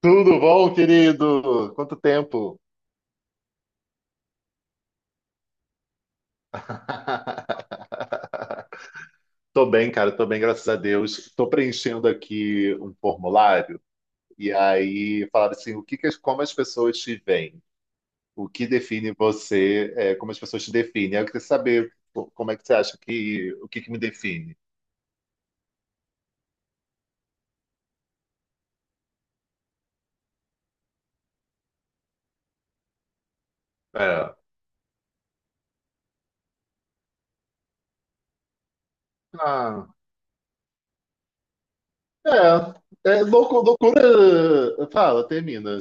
Tudo bom, querido? Quanto tempo? Tô bem, cara, tô bem, graças a Deus. Tô preenchendo aqui um formulário e aí falaram assim, o que que como as pessoas te veem? O que define você, como as pessoas te definem? Aí eu queria saber pô, como é que você acha que, o que que me define? É. Ah, é, loucura. Fala, termina.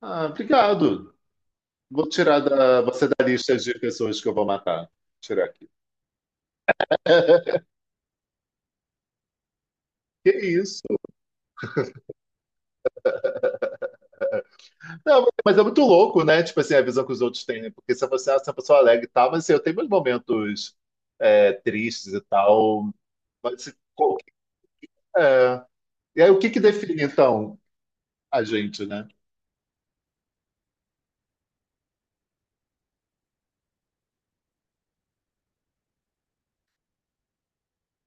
Ah, obrigado. Vou tirar você da lista de pessoas que eu vou matar. Tirar aqui. Que isso? Não, mas é muito louco, né? Tipo assim, a visão que os outros têm, né? Porque se você é uma pessoa alegre e tal, mas assim, eu tenho meus momentos tristes e tal. Mas, assim, é. E aí, o que que define, então, a gente, né?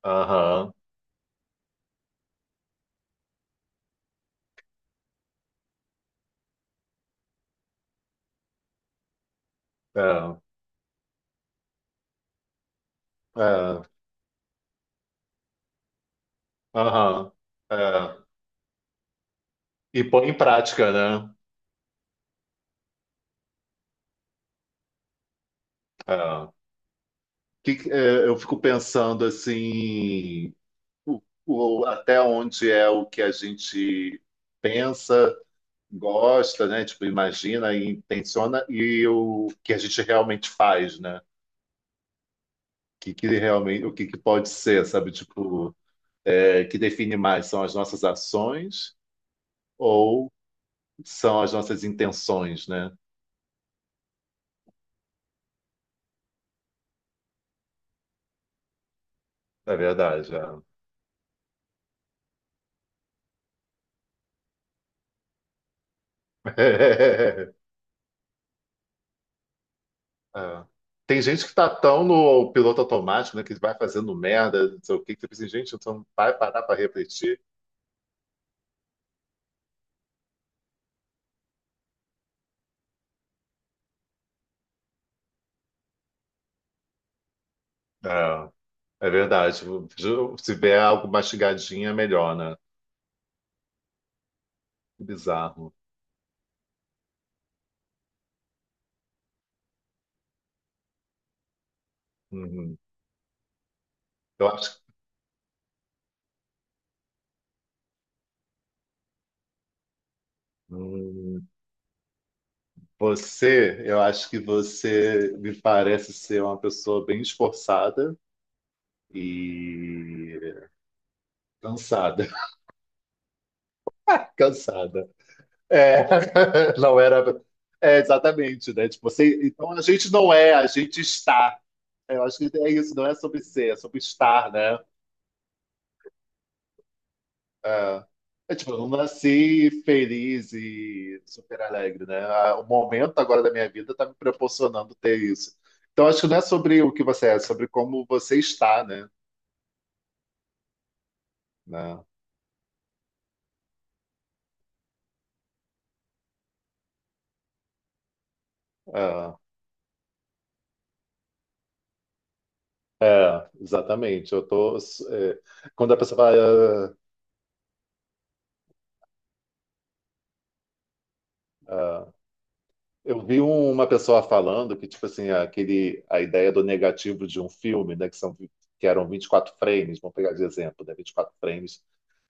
Aham, é, é, aham, é. E põe em prática, né? É. Eu fico pensando, assim, o- até onde é o que a gente pensa, gosta, né? Tipo, imagina e intenciona e o que a gente realmente faz, né? O que, que realmente, o que, que pode ser, sabe? Tipo, que define mais são as nossas ações ou são as nossas intenções, né? É verdade, é. É. Tem gente que tá tão no piloto automático, né? Que vai fazendo merda, não sei o quê, que você pensa, gente, então vai parar para refletir. É, é verdade. Se tiver algo mastigadinho, é melhor, né? Que bizarro. Uhum. Eu acho, hum, eu acho que você me parece ser uma pessoa bem esforçada e cansada, cansada. É, não era, é exatamente, né? Tipo, então a gente não é, a gente está. Eu acho que é isso, não é sobre ser, é sobre estar, né? É, é, tipo, eu não nasci feliz e super alegre, né? Ah, o momento agora da minha vida tá me proporcionando ter isso. Então, acho que não é sobre o que você é, é sobre como você está, né? Né? Ah, é, exatamente. Eu tô. Quando a pessoa fala, ah, eu vi uma pessoa falando que, tipo assim, a ideia do negativo de um filme, né? Que eram 24 frames, vamos pegar de exemplo, né? Vinte e quatro frames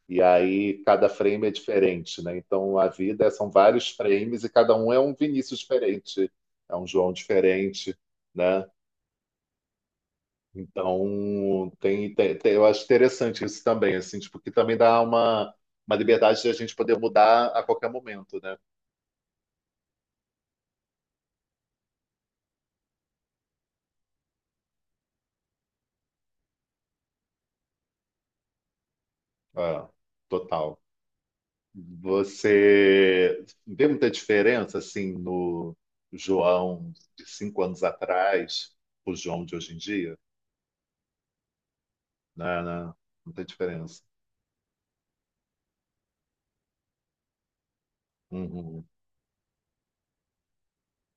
E aí cada frame é diferente, né? Então a vida é, são vários frames e cada um é um Vinícius diferente, é um João diferente, né? Então eu acho interessante isso também, assim, tipo, que também dá uma, liberdade de a gente poder mudar a qualquer momento, né? Ah, total. Você vê muita diferença assim no João de 5 anos atrás, o João de hoje em dia? Não, não, muita diferença. Uhum.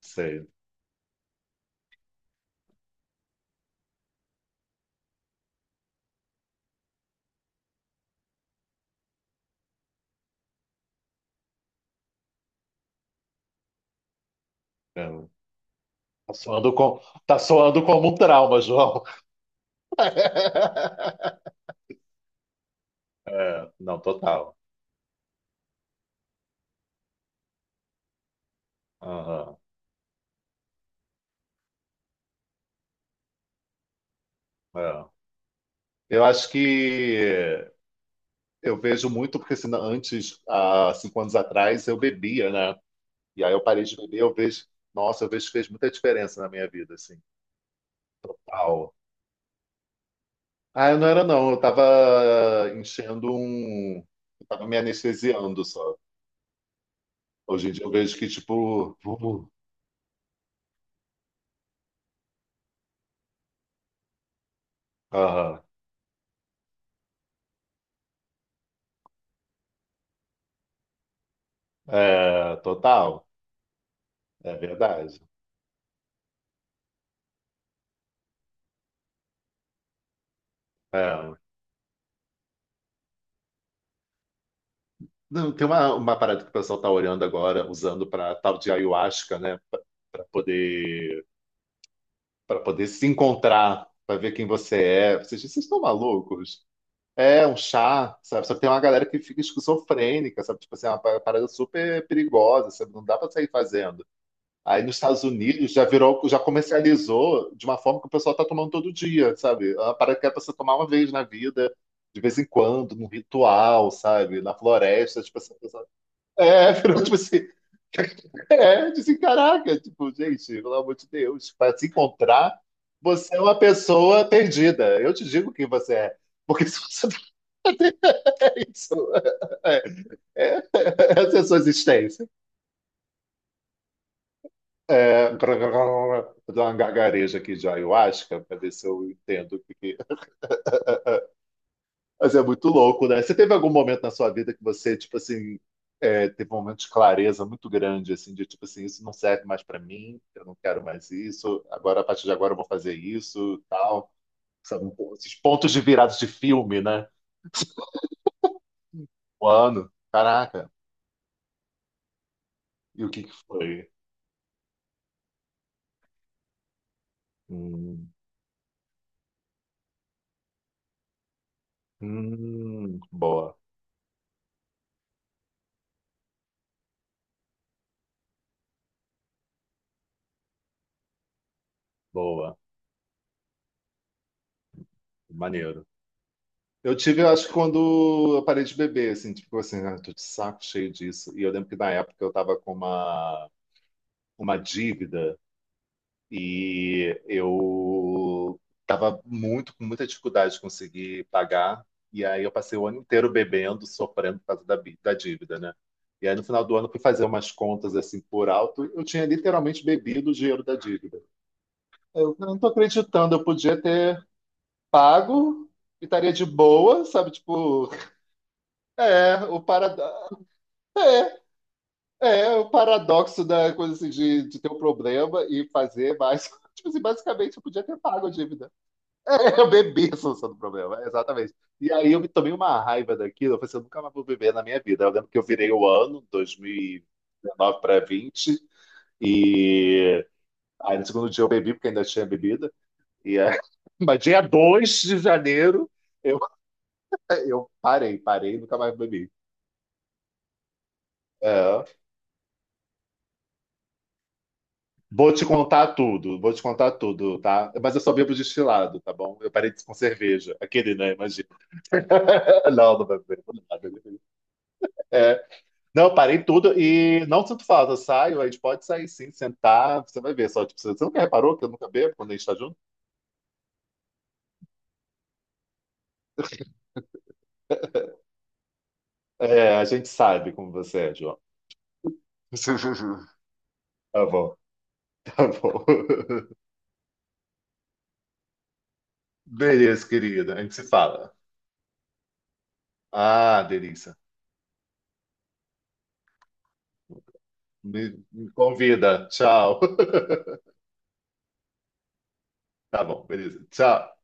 Sei. É. Tá soando com... tá soando como um trauma, João. É, não, total. Aham, é. Eu acho que eu vejo muito, porque senão, antes, há 5 anos atrás, eu bebia, né? E aí eu parei de beber, eu vejo. Nossa, eu vejo que fez muita diferença na minha vida, assim. Uau. Ah, eu não era, não. Eu tava enchendo um. Eu tava me anestesiando só. Hoje em dia eu vejo que, tipo. Aham. É, total. É verdade. É. Não, tem uma parada que o pessoal está olhando agora, usando para tal de ayahuasca, né? Para poder, para poder se encontrar, para ver quem você é. Vocês estão malucos? É um chá, sabe? Só que tem uma galera que fica esquizofrênica, sabe? Tipo assim, é uma parada super perigosa, sabe? Não dá para sair fazendo. Aí nos Estados Unidos já virou, já comercializou de uma forma que o pessoal tá tomando todo dia, sabe? É uma parada que é pra você tomar uma vez na vida, de vez em quando, num ritual, sabe? Na floresta, tipo assim, virou tipo assim, disse, caraca, tipo, gente, pelo amor de Deus, para se encontrar, você é uma pessoa perdida. Eu te digo quem você é, porque se você não é isso, é, essa é a sua existência. Vou dar uma gargareja aqui de ayahuasca para ver se eu entendo o que que Mas é muito louco, né? Você teve algum momento na sua vida que você, tipo assim, teve um momento de clareza muito grande, assim, de tipo assim, isso não serve mais pra mim, eu não quero mais isso, agora, a partir de agora eu vou fazer isso, tal. Sabe, um pouco esses pontos de virados de filme, né? O ano, caraca, e o que que foi? Hum, boa, boa, maneiro. Eu tive, eu acho, quando eu parei de beber, assim, tipo assim, ah, tô de saco cheio disso. E eu lembro que na época eu tava com uma dívida. E eu tava com muita dificuldade de conseguir pagar. E aí eu passei o ano inteiro bebendo, sofrendo por causa da dívida, né? E aí no final do ano eu fui fazer umas contas assim por alto, eu tinha literalmente bebido o dinheiro da dívida. Eu não tô acreditando, eu podia ter pago e estaria de boa, sabe? Tipo, é, o parada é o paradoxo da coisa assim, de ter um problema e fazer mais. Tipo assim, basicamente eu podia ter pago a dívida. Eu bebi a solução do problema, é, exatamente. E aí eu me tomei uma raiva daquilo, eu falei assim, eu nunca mais vou beber na minha vida. Eu lembro que eu virei o ano, 2019 para 20, e aí no segundo dia eu bebi, porque ainda tinha bebida, e aí... mas dia 2 de janeiro eu, eu parei, parei, nunca mais bebi. É. Vou te contar tudo, vou te contar tudo, tá? Mas eu só bebo destilado, tá bom? Eu parei de- com cerveja. Aquele, né? Imagina. Não, não bebo. Não, bebo. É, não, eu parei tudo e não sinto falta. Eu saio, a gente pode sair sim, sentar. Você vai ver só. Tipo, você nunca reparou que eu nunca bebo quando a gente tá junto? É, a gente sabe como você é, João. Tá bom, tá bom. Beleza, querida. A gente se fala. Ah, delícia. Me, me convida. Tchau. Tá bom, beleza. Tchau.